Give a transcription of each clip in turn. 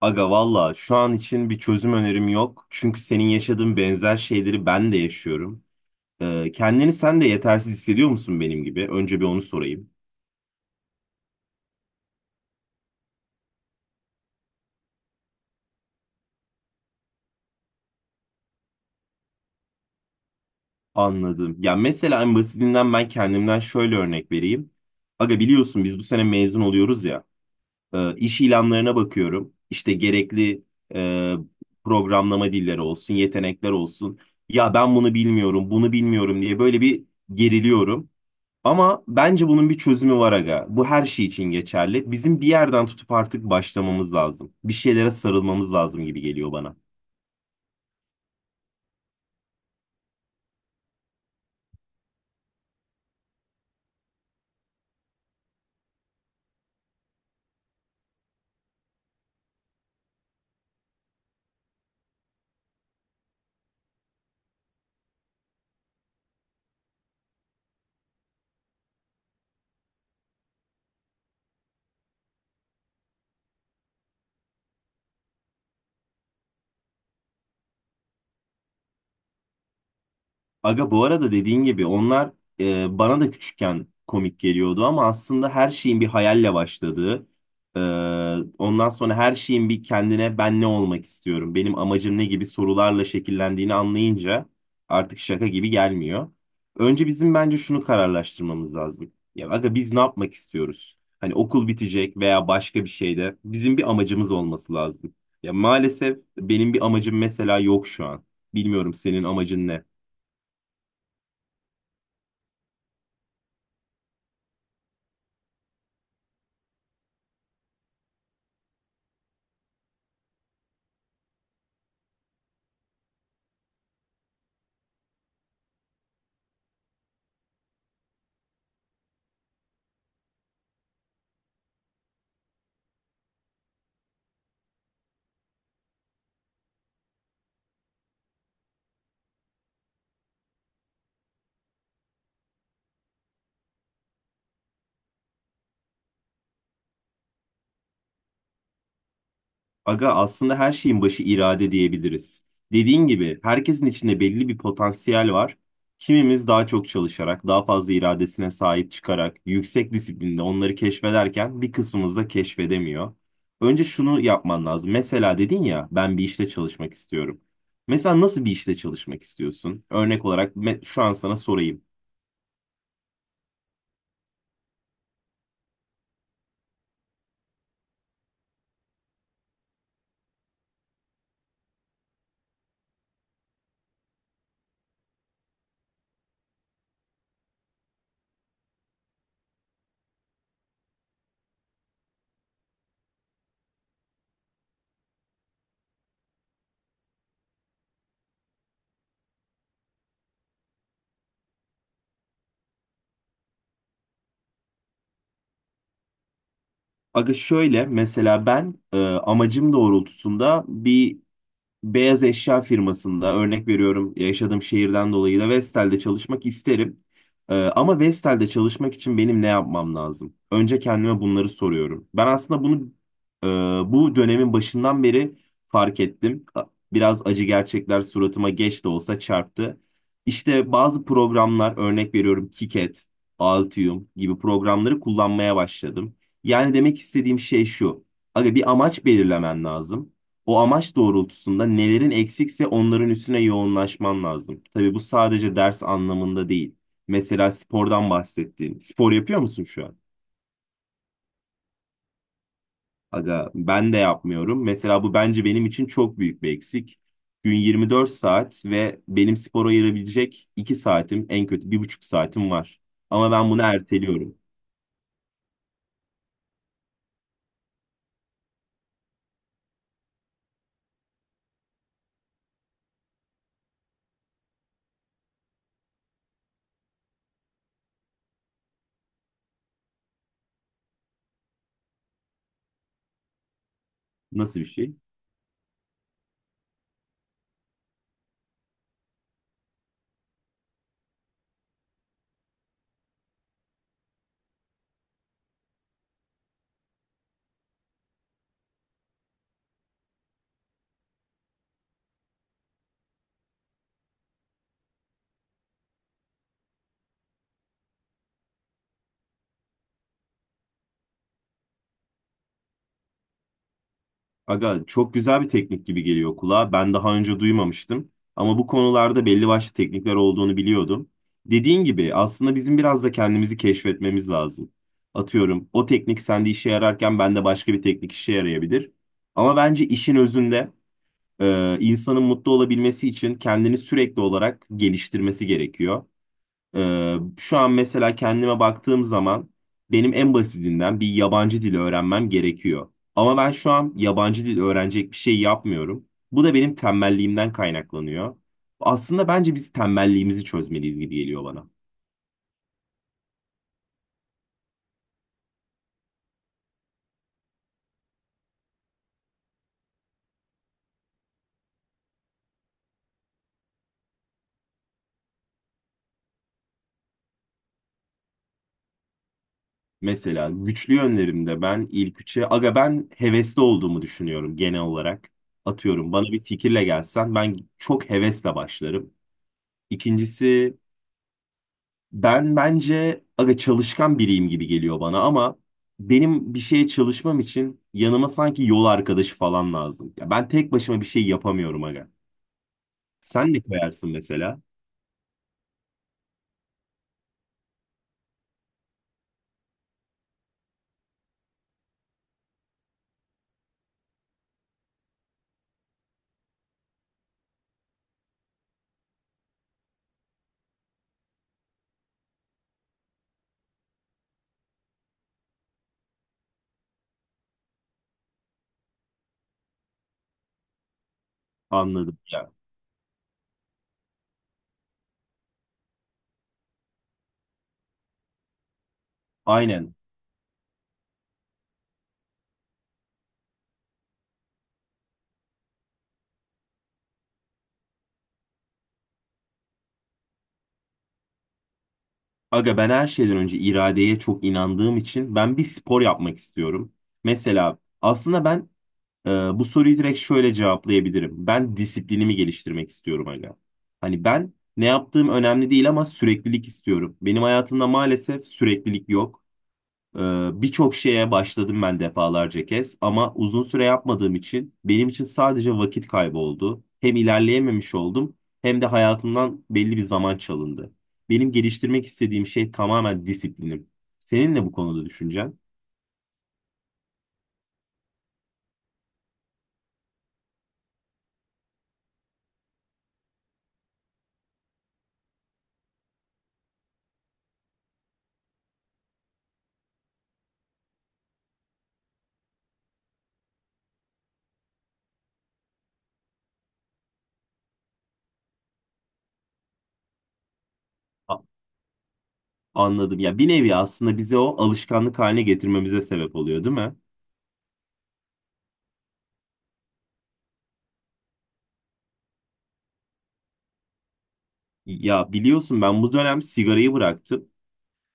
Aga valla şu an için bir çözüm önerim yok. Çünkü senin yaşadığın benzer şeyleri ben de yaşıyorum. Kendini sen de yetersiz hissediyor musun benim gibi? Önce bir onu sorayım. Anladım. Ya mesela en basitinden ben kendimden şöyle örnek vereyim. Aga biliyorsun biz bu sene mezun oluyoruz ya. İş ilanlarına bakıyorum. İşte gerekli e, programlama dilleri olsun, yetenekler olsun. Ya ben bunu bilmiyorum, bunu bilmiyorum diye böyle bir geriliyorum. Ama bence bunun bir çözümü var aga. Bu her şey için geçerli. Bizim bir yerden tutup artık başlamamız lazım. Bir şeylere sarılmamız lazım gibi geliyor bana. Aga bu arada dediğin gibi onlar bana da küçükken komik geliyordu ama aslında her şeyin bir hayalle başladığı, e, ondan sonra her şeyin bir kendine ben ne olmak istiyorum, benim amacım ne gibi sorularla şekillendiğini anlayınca artık şaka gibi gelmiyor. Önce bizim bence şunu kararlaştırmamız lazım. Ya aga biz ne yapmak istiyoruz? Hani okul bitecek veya başka bir şeyde bizim bir amacımız olması lazım. Ya maalesef benim bir amacım mesela yok şu an. Bilmiyorum senin amacın ne? Aga aslında her şeyin başı irade diyebiliriz. Dediğin gibi herkesin içinde belli bir potansiyel var. Kimimiz daha çok çalışarak, daha fazla iradesine sahip çıkarak, yüksek disiplinde onları keşfederken bir kısmımız da keşfedemiyor. Önce şunu yapman lazım. Mesela dedin ya ben bir işte çalışmak istiyorum. Mesela nasıl bir işte çalışmak istiyorsun? Örnek olarak şu an sana sorayım. Aga şöyle mesela ben amacım doğrultusunda bir beyaz eşya firmasında örnek veriyorum yaşadığım şehirden dolayı da Vestel'de çalışmak isterim. Ama Vestel'de çalışmak için benim ne yapmam lazım? Önce kendime bunları soruyorum. Ben aslında bunu e, bu dönemin başından beri fark ettim. Biraz acı gerçekler suratıma geç de olsa çarptı. İşte bazı programlar örnek veriyorum Kiket, Altium gibi programları kullanmaya başladım. Yani demek istediğim şey şu. Aga bir amaç belirlemen lazım. O amaç doğrultusunda nelerin eksikse onların üstüne yoğunlaşman lazım. Tabii bu sadece ders anlamında değil. Mesela spordan bahsettiğin. Spor yapıyor musun şu an? Aga ben de yapmıyorum. Mesela bu bence benim için çok büyük bir eksik. Gün 24 saat ve benim spora ayırabilecek 2 saatim en kötü 1,5 saatim var. Ama ben bunu erteliyorum. Nasıl bir şey? Aga çok güzel bir teknik gibi geliyor kulağa. Ben daha önce duymamıştım. Ama bu konularda belli başlı teknikler olduğunu biliyordum. Dediğin gibi aslında bizim biraz da kendimizi keşfetmemiz lazım. Atıyorum o teknik sende işe yararken bende başka bir teknik işe yarayabilir. Ama bence işin özünde insanın mutlu olabilmesi için kendini sürekli olarak geliştirmesi gerekiyor. Şu an mesela kendime baktığım zaman benim en basitinden bir yabancı dil öğrenmem gerekiyor. Ama ben şu an yabancı dil öğrenecek bir şey yapmıyorum. Bu da benim tembelliğimden kaynaklanıyor. Aslında bence biz tembelliğimizi çözmeliyiz gibi geliyor bana. Mesela güçlü yönlerimde ben ilk üçe, aga ben hevesli olduğumu düşünüyorum genel olarak. Atıyorum bana bir fikirle gelsen ben çok hevesle başlarım. İkincisi, ben bence aga çalışkan biriyim gibi geliyor bana ama benim bir şeye çalışmam için yanıma sanki yol arkadaşı falan lazım. Ya ben tek başıma bir şey yapamıyorum aga. Sen ne koyarsın mesela? Anladım ya. Aynen. Aga ben her şeyden önce iradeye çok inandığım için ben bir spor yapmak istiyorum. Mesela aslında ben bu soruyu direkt şöyle cevaplayabilirim. Ben disiplinimi geliştirmek istiyorum hala. Hani ben ne yaptığım önemli değil ama süreklilik istiyorum. Benim hayatımda maalesef süreklilik yok. Ee, Birçok şeye başladım ben defalarca kez ama uzun süre yapmadığım için benim için sadece vakit kaybı oldu. Hem ilerleyememiş oldum hem de hayatımdan belli bir zaman çalındı. Benim geliştirmek istediğim şey tamamen disiplinim. Senin ne bu konuda düşüncen? Anladım. Ya bir nevi aslında bize o alışkanlık haline getirmemize sebep oluyor, değil mi? Ya biliyorsun ben bu dönem sigarayı bıraktım.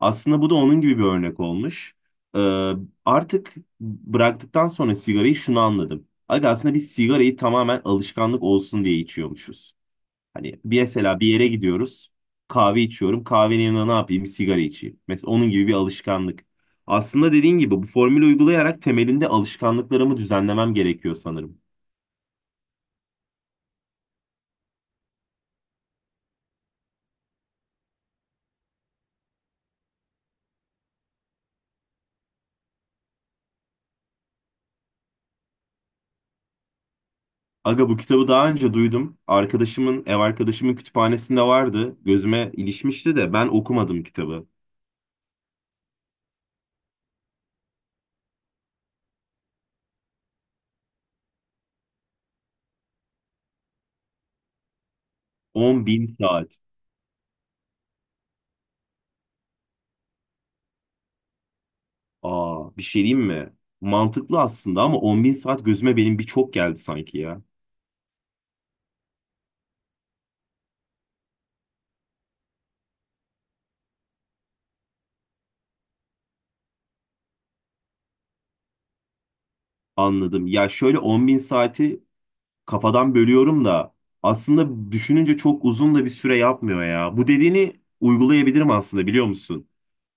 Aslında bu da onun gibi bir örnek olmuş. Ee, Artık bıraktıktan sonra sigarayı şunu anladım. Aga aslında biz sigarayı tamamen alışkanlık olsun diye içiyormuşuz. Hani bir mesela bir yere gidiyoruz, kahve içiyorum. Kahvenin yanına ne yapayım? Bir sigara içeyim. Mesela onun gibi bir alışkanlık. Aslında dediğin gibi bu formülü uygulayarak temelinde alışkanlıklarımı düzenlemem gerekiyor sanırım. Aga bu kitabı daha önce duydum. Arkadaşımın, ev arkadaşımın kütüphanesinde vardı. Gözüme ilişmişti de ben okumadım kitabı. 10 bin saat. Aa, bir şey diyeyim mi? Mantıklı aslında ama 10 bin saat gözüme benim bir çok geldi sanki ya. Anladım. Ya şöyle 10 bin saati kafadan bölüyorum da aslında düşününce çok uzun da bir süre yapmıyor ya. Bu dediğini uygulayabilirim aslında biliyor musun?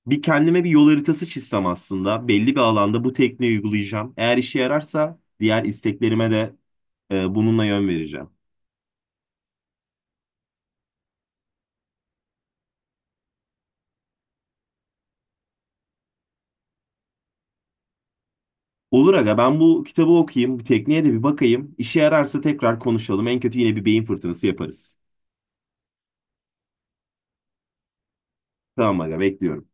Bir kendime bir yol haritası çizsem aslında. Belli bir alanda bu tekniği uygulayacağım. Eğer işe yararsa diğer isteklerime de bununla yön vereceğim. Olur aga ben bu kitabı okuyayım, bu tekniğe de bir bakayım. İşe yararsa tekrar konuşalım. En kötü yine bir beyin fırtınası yaparız. Tamam aga bekliyorum.